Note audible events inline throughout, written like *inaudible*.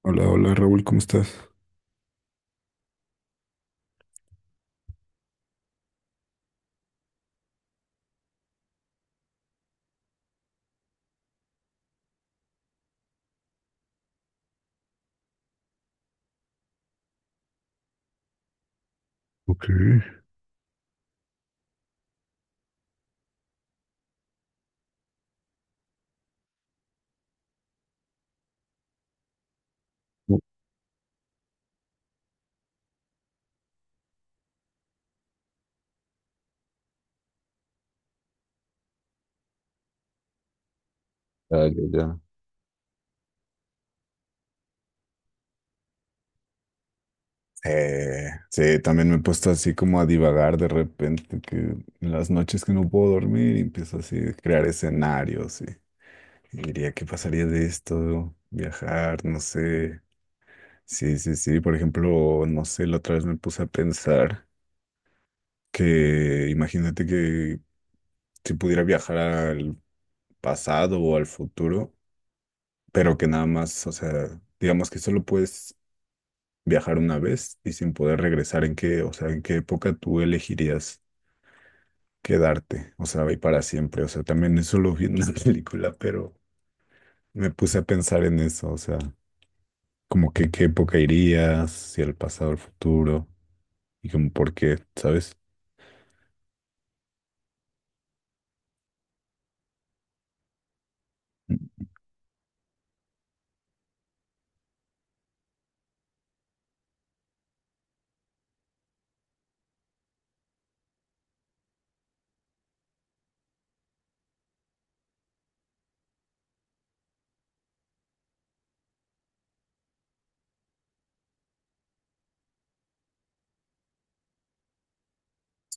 Hola, hola Raúl, ¿cómo estás? Ok. Ah, ya, ya. Sí, también me he puesto así como a divagar de repente, que en las noches que no puedo dormir y empiezo así a crear escenarios y diría, ¿qué pasaría de esto? Viajar, no sé. Sí, sí, sí, por ejemplo, no sé, la otra vez me puse a pensar que imagínate que si pudiera viajar al pasado o al futuro, pero que nada más, o sea, digamos que solo puedes viajar una vez y sin poder regresar, ¿en qué, o sea, en qué época tú elegirías quedarte? O sea, y para siempre. O sea, también eso lo vi en la *laughs* película, pero me puse a pensar en eso. O sea, como que qué época irías, si el pasado, el futuro, y como por qué, ¿sabes?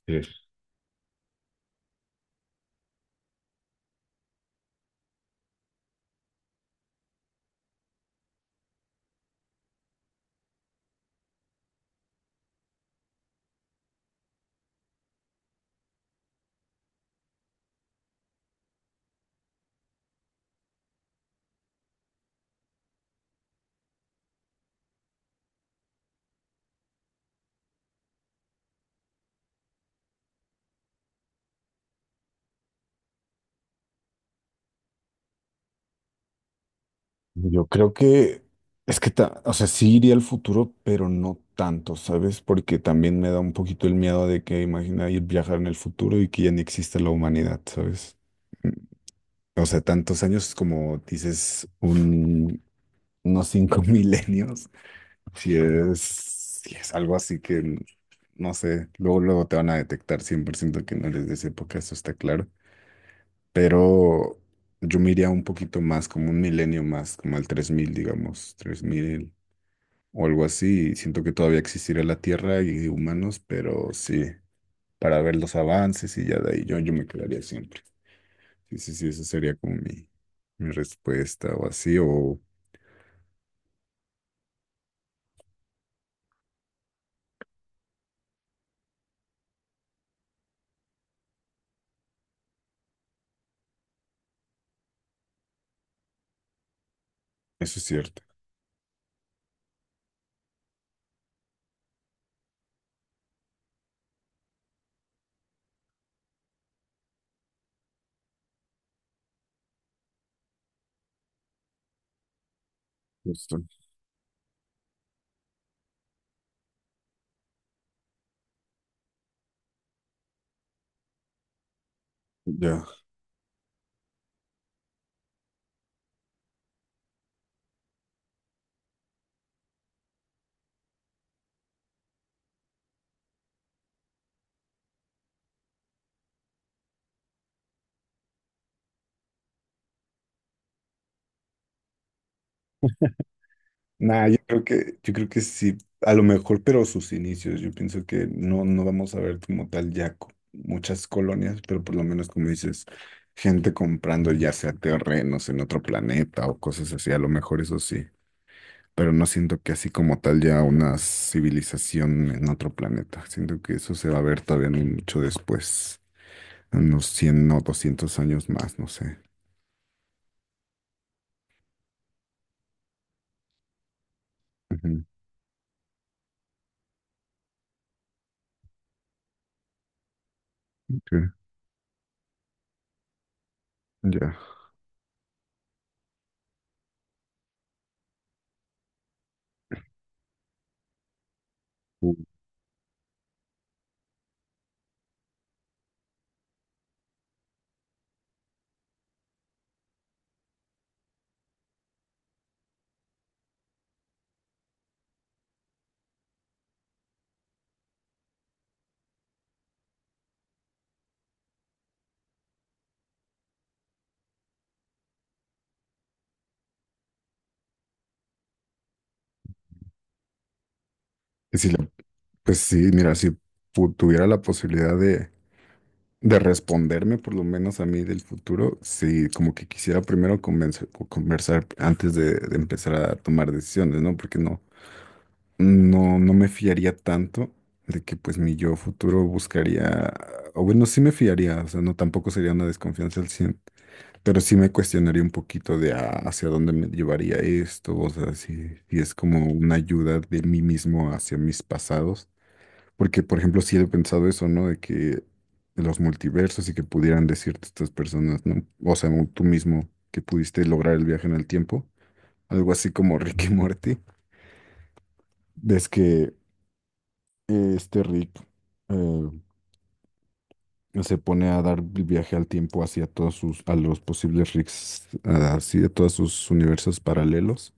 Sí. Yo creo que es que, o sea, sí iría al futuro, pero no tanto, ¿sabes? Porque también me da un poquito el miedo de que imagina ir viajar en el futuro y que ya ni exista la humanidad, ¿sabes? O sea, tantos años como dices, unos 5 *laughs* milenios. Si es, si es algo así que, no sé, luego, luego te van a detectar 100% que no eres de esa época, eso está claro. Pero yo me iría un poquito más, como un milenio más, como al 3000 digamos, 3000 o algo así. Y siento que todavía existirá la Tierra y humanos, pero sí, para ver los avances y ya de ahí yo me quedaría siempre. Sí, sí, sí, esa sería como mi respuesta o así, o. Eso es cierto, justo. Ya. Nah, yo creo que sí, a lo mejor, pero sus inicios. Yo pienso que no, no vamos a ver como tal ya muchas colonias, pero por lo menos como dices, gente comprando ya sea terrenos en otro planeta o cosas así, a lo mejor eso sí. Pero no siento que así como tal ya una civilización en otro planeta. Siento que eso se va a ver todavía no mucho después, unos 100 o 200 años más, no sé. Ujú, ok. Ya. Uh, que si la. Pues sí, mira, si tuviera la posibilidad de responderme por lo menos a mí del futuro, sí, como que quisiera primero conversar antes de empezar a tomar decisiones, ¿no? Porque no, no, no me fiaría tanto de que pues mi yo futuro buscaría, o bueno, sí me fiaría, o sea, no tampoco sería una desconfianza al 100, pero sí me cuestionaría un poquito de ah, hacia dónde me llevaría esto, o sea, si es como una ayuda de mí mismo hacia mis pasados porque, por ejemplo, sí he pensado eso, ¿no? De que los multiversos y que pudieran decirte estas personas, ¿no? O sea, tú mismo que pudiste lograr el viaje en el tiempo. Algo así como *laughs* Rick y Morty. Ves que este Rick, eh, se pone a dar el viaje al tiempo hacia todos sus, a los posibles Ricks, así a todos sus universos paralelos.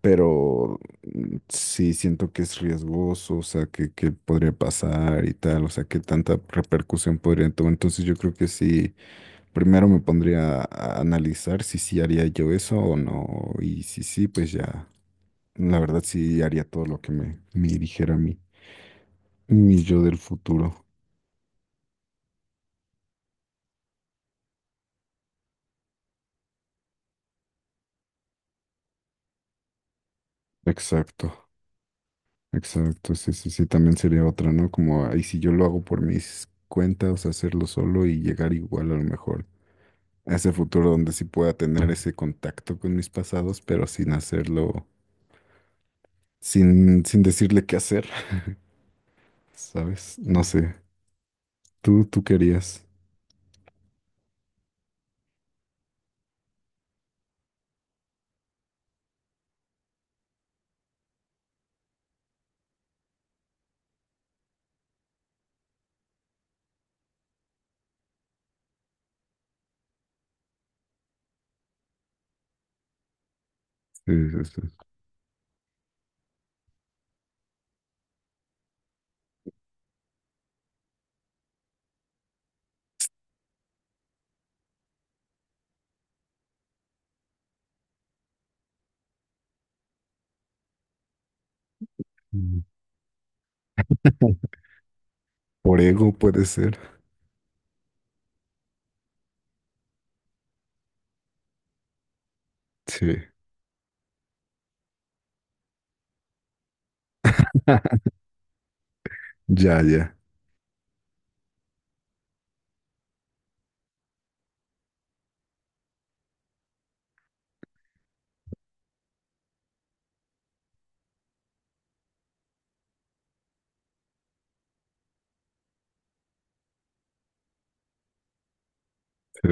Pero sí siento que es riesgoso, o sea, que podría pasar y tal, o sea, que tanta repercusión podría tomar. Entonces yo creo que sí, primero me pondría a analizar si sí haría yo eso o no. Y si sí, pues ya, la verdad sí haría todo lo que me dijera a mí, mi yo del futuro. Exacto. Exacto, sí, sí, sí, también sería otra, ¿no? Como, ahí si yo lo hago por mis cuentas, hacerlo solo y llegar igual a lo mejor a ese futuro donde sí pueda tener ese contacto con mis pasados, pero sin hacerlo, sin decirle qué hacer, *laughs* ¿sabes? No sé, tú querías. Sí, sí, sí. Mm. *laughs* Por ego puede ser. Sí, ya, ya. Sí,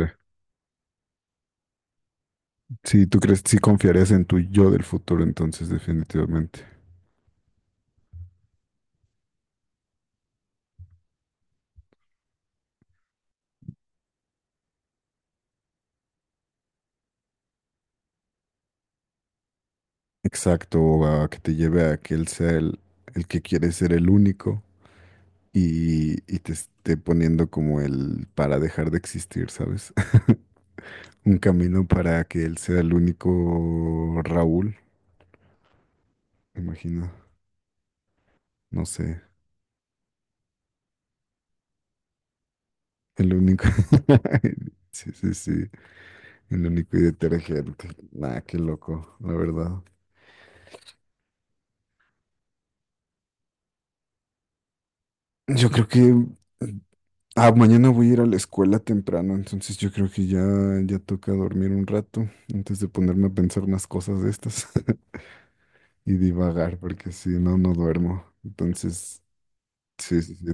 sí, tú crees, sí confiarías en tu yo del futuro, entonces, definitivamente. Exacto, o a que te lleve a que él sea el que quiere ser el único y te esté poniendo como el para dejar de existir, ¿sabes? *laughs* Un camino para que él sea el único Raúl, me imagino, no sé, el único. *laughs* Sí, sí, sí, el único y detergente. Nah, qué loco, la verdad. Yo creo que. Ah, mañana voy a ir a la escuela temprano, entonces yo creo que ya, ya toca dormir un rato antes de ponerme a pensar unas cosas de estas *laughs* y divagar, porque si no, no duermo. Entonces, sí, sí, sí.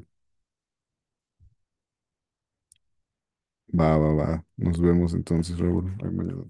Va, va, va. Nos vemos entonces, Raúl. Ahí mañana.